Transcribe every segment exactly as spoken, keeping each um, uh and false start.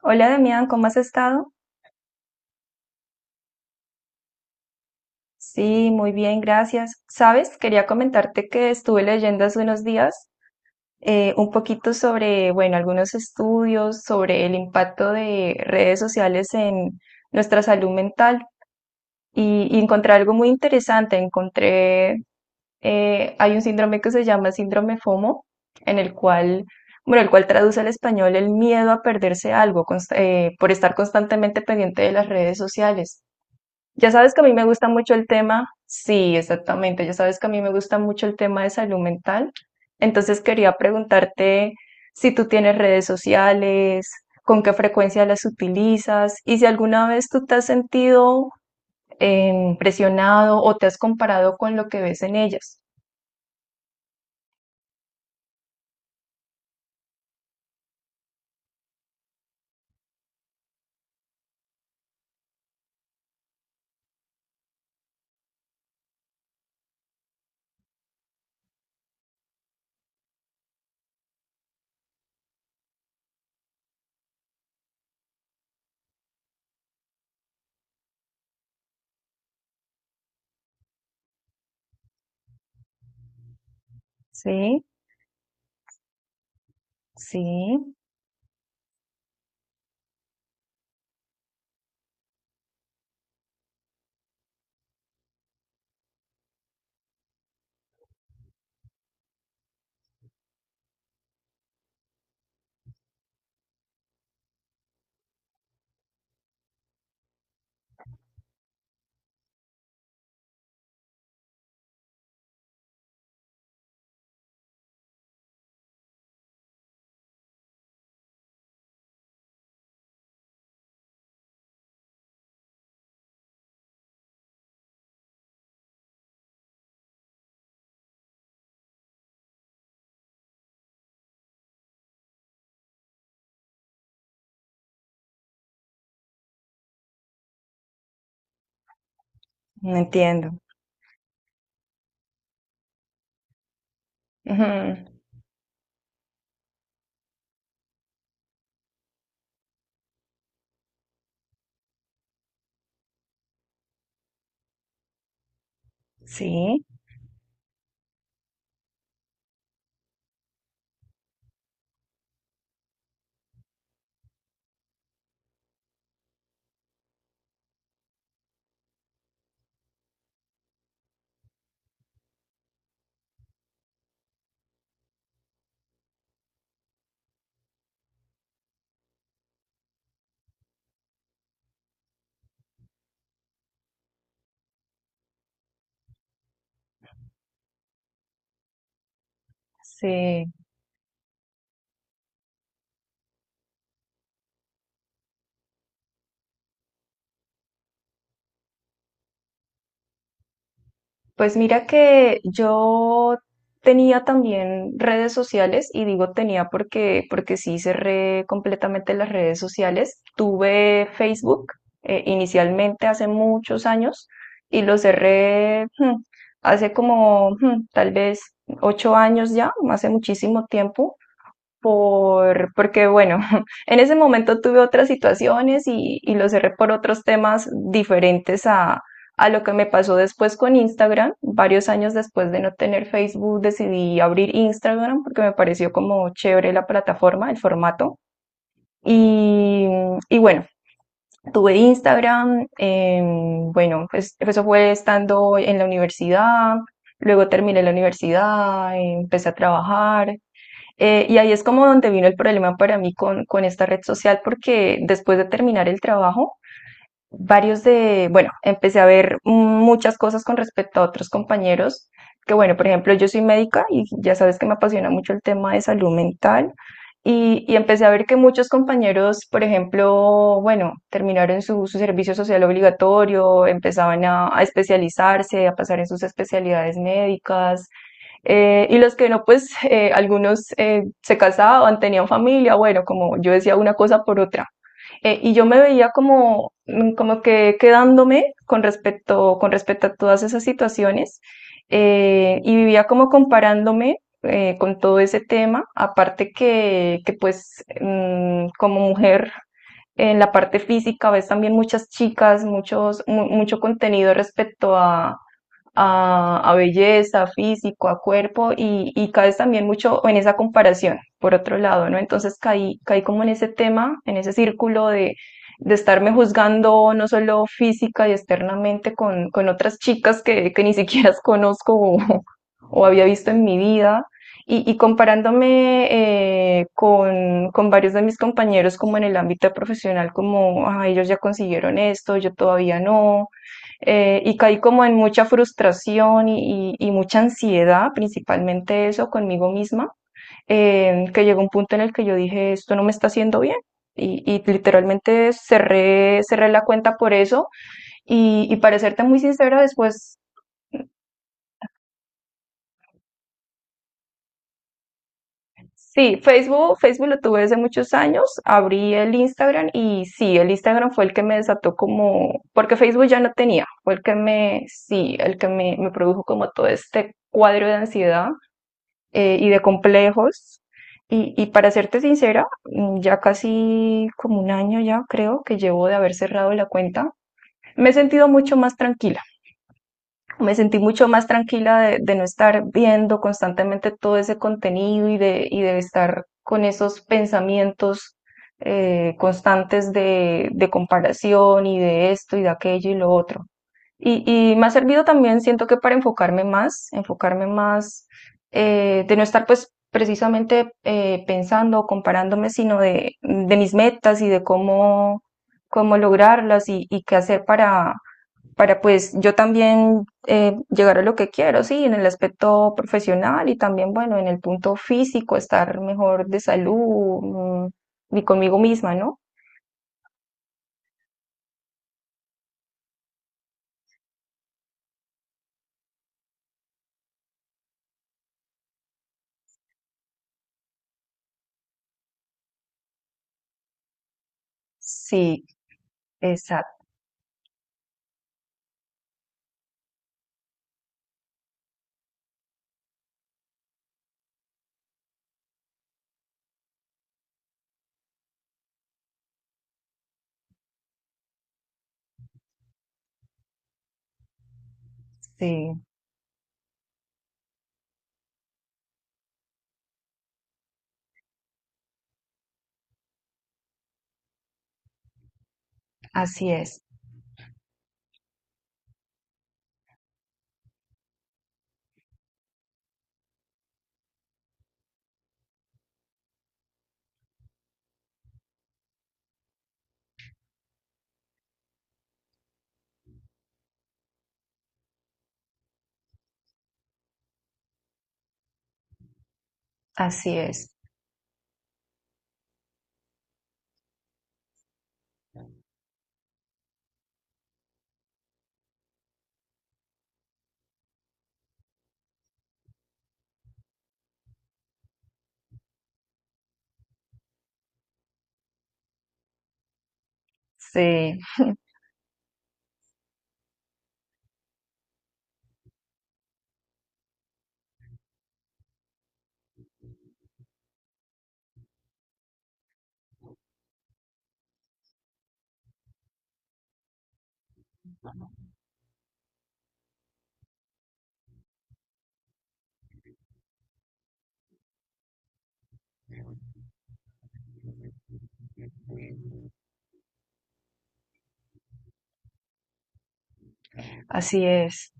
Hola Damián, ¿cómo has estado? Sí, muy bien, gracias. Sabes, quería comentarte que estuve leyendo hace unos días eh, un poquito sobre, bueno, algunos estudios sobre el impacto de redes sociales en nuestra salud mental y, y encontré algo muy interesante. Encontré, eh, hay un síndrome que se llama síndrome FOMO, en el cual, bueno, el cual traduce al español el miedo a perderse algo const- eh, por estar constantemente pendiente de las redes sociales. Ya sabes que a mí me gusta mucho el tema, sí, exactamente, ya sabes que a mí me gusta mucho el tema de salud mental, entonces quería preguntarte si tú tienes redes sociales, con qué frecuencia las utilizas y si alguna vez tú te has sentido em, presionado o te has comparado con lo que ves en ellas. Sí, sí, entiendo. Ujú, sí, sí. Pues mira que yo tenía también redes sociales y digo tenía porque, porque sí cerré completamente las redes sociales. Tuve Facebook eh, inicialmente hace muchos años y lo cerré hmm, hace como hmm, tal vez ocho años ya, hace muchísimo tiempo por, porque bueno, en ese momento tuve otras situaciones y, y lo cerré por otros temas diferentes a, a lo que me pasó después con Instagram. Varios años después de no tener Facebook, decidí abrir Instagram porque me pareció como chévere la plataforma, el formato. Y, y bueno, tuve Instagram, eh, bueno, pues eso fue estando en la universidad, luego terminé la universidad, empecé a trabajar, eh, y ahí es como donde vino el problema para mí con, con esta red social, porque después de terminar el trabajo, varios de, bueno, empecé a ver muchas cosas con respecto a otros compañeros, que bueno, por ejemplo, yo soy médica y ya sabes que me apasiona mucho el tema de salud mental, y, y empecé a ver que muchos compañeros, por ejemplo, bueno, terminaron su, su servicio social obligatorio, empezaban a a especializarse, a pasar en sus especialidades médicas, eh, y los que no, pues eh, algunos eh, se casaban, tenían familia, bueno, como yo decía una cosa por otra. Eh, y yo me veía como, mm, como que quedándome con respecto, con respecto a todas esas situaciones, eh, y vivía como comparándome eh, con todo ese tema, aparte que, que pues mm, como mujer en la parte física ves también muchas chicas, muchos, mu- mucho contenido respecto a a, a belleza, físico, a cuerpo y, y caes también mucho en esa comparación, por otro lado, ¿no? Entonces caí, caí como en ese tema, en ese círculo de, de estarme juzgando no solo física y externamente con, con otras chicas que, que ni siquiera conozco o, o había visto en mi vida. Y, y comparándome eh, con, con varios de mis compañeros como en el ámbito profesional, como, ah, ellos ya consiguieron esto, yo todavía no, eh, y caí como en mucha frustración y, y- y mucha ansiedad, principalmente eso conmigo misma, eh, que llegó un punto en el que yo dije, esto no me está haciendo bien. Y, y literalmente cerré, cerré la cuenta por eso. Y, y para serte muy sincera, después, sí, Facebook, Facebook lo tuve desde muchos años, abrí el Instagram y sí, el Instagram fue el que me desató como, porque Facebook ya no tenía, fue el que me, sí, el que me, me produjo como todo este cuadro de ansiedad eh, y de complejos. Y, y para serte sincera, mm, ya casi como un año ya creo que llevo de haber cerrado la cuenta, me he sentido mucho más tranquila. Me sentí mucho más tranquila de, de no estar viendo constantemente todo ese contenido y de, y de estar con esos pensamientos eh, constantes de, de comparación y de esto y de aquello y lo otro. Y, y me ha servido también, siento que para enfocarme más, enfocarme más, eh, de no estar pues precisamente eh, pensando o comparándome, sino de, de mis metas y de cómo, cómo lograrlas y, y qué hacer para, para pues yo también eh, llegar a lo que quiero, sí, en el aspecto profesional y también, bueno, en el punto físico, estar mejor de salud, mm, y conmigo misma, ¿no? Sí, exacto, sí, así es, así es. Sí, así es.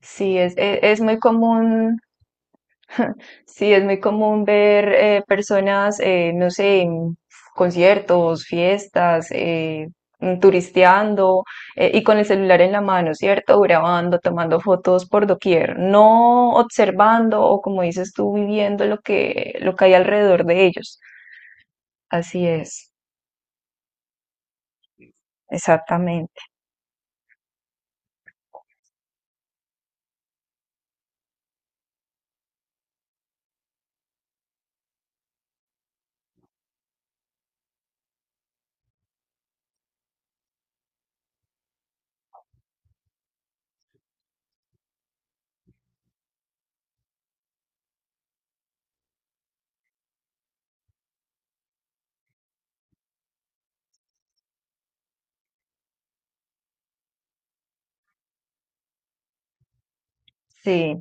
Sí, es, e- es muy común, sí, es muy común ver eh, personas, eh, no sé, en conciertos, fiestas, eh, mm, turisteando eh, y con el celular en la mano, ¿cierto? Grabando, tomando fotos por doquier, no observando o como dices tú, viviendo lo que, lo que hay alrededor de ellos. Así es, exactamente. Sí,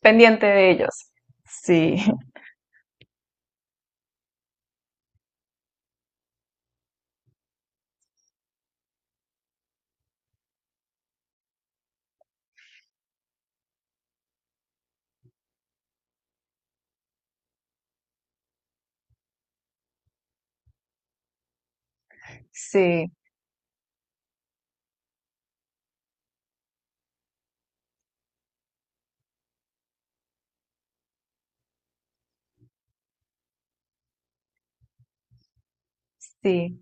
pendiente de ellos. Sí, sí, sí.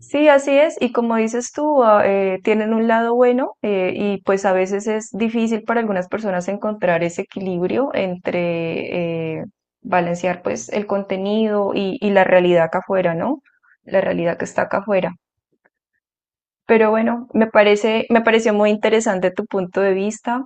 Sí, así es. Y como dices tú, ah, eh, tienen un lado bueno, eh, y pues a veces es difícil para algunas personas encontrar ese equilibrio entre eh, balancear pues el contenido y, y la realidad acá afuera, ¿no? La realidad que está acá afuera. Pero bueno, me parece, me pareció muy interesante tu punto de vista.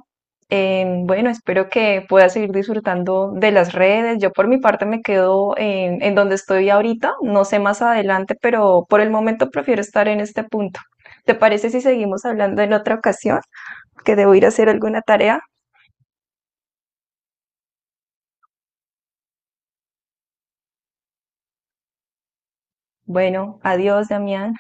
Em, bueno, espero que puedas seguir disfrutando de las redes. Yo por mi parte me quedo en, en donde estoy ahorita. No sé más adelante, pero por el momento prefiero estar en este punto. ¿Te parece si seguimos hablando en otra ocasión? Que debo ir a hacer alguna tarea. Bueno, adiós, Damián.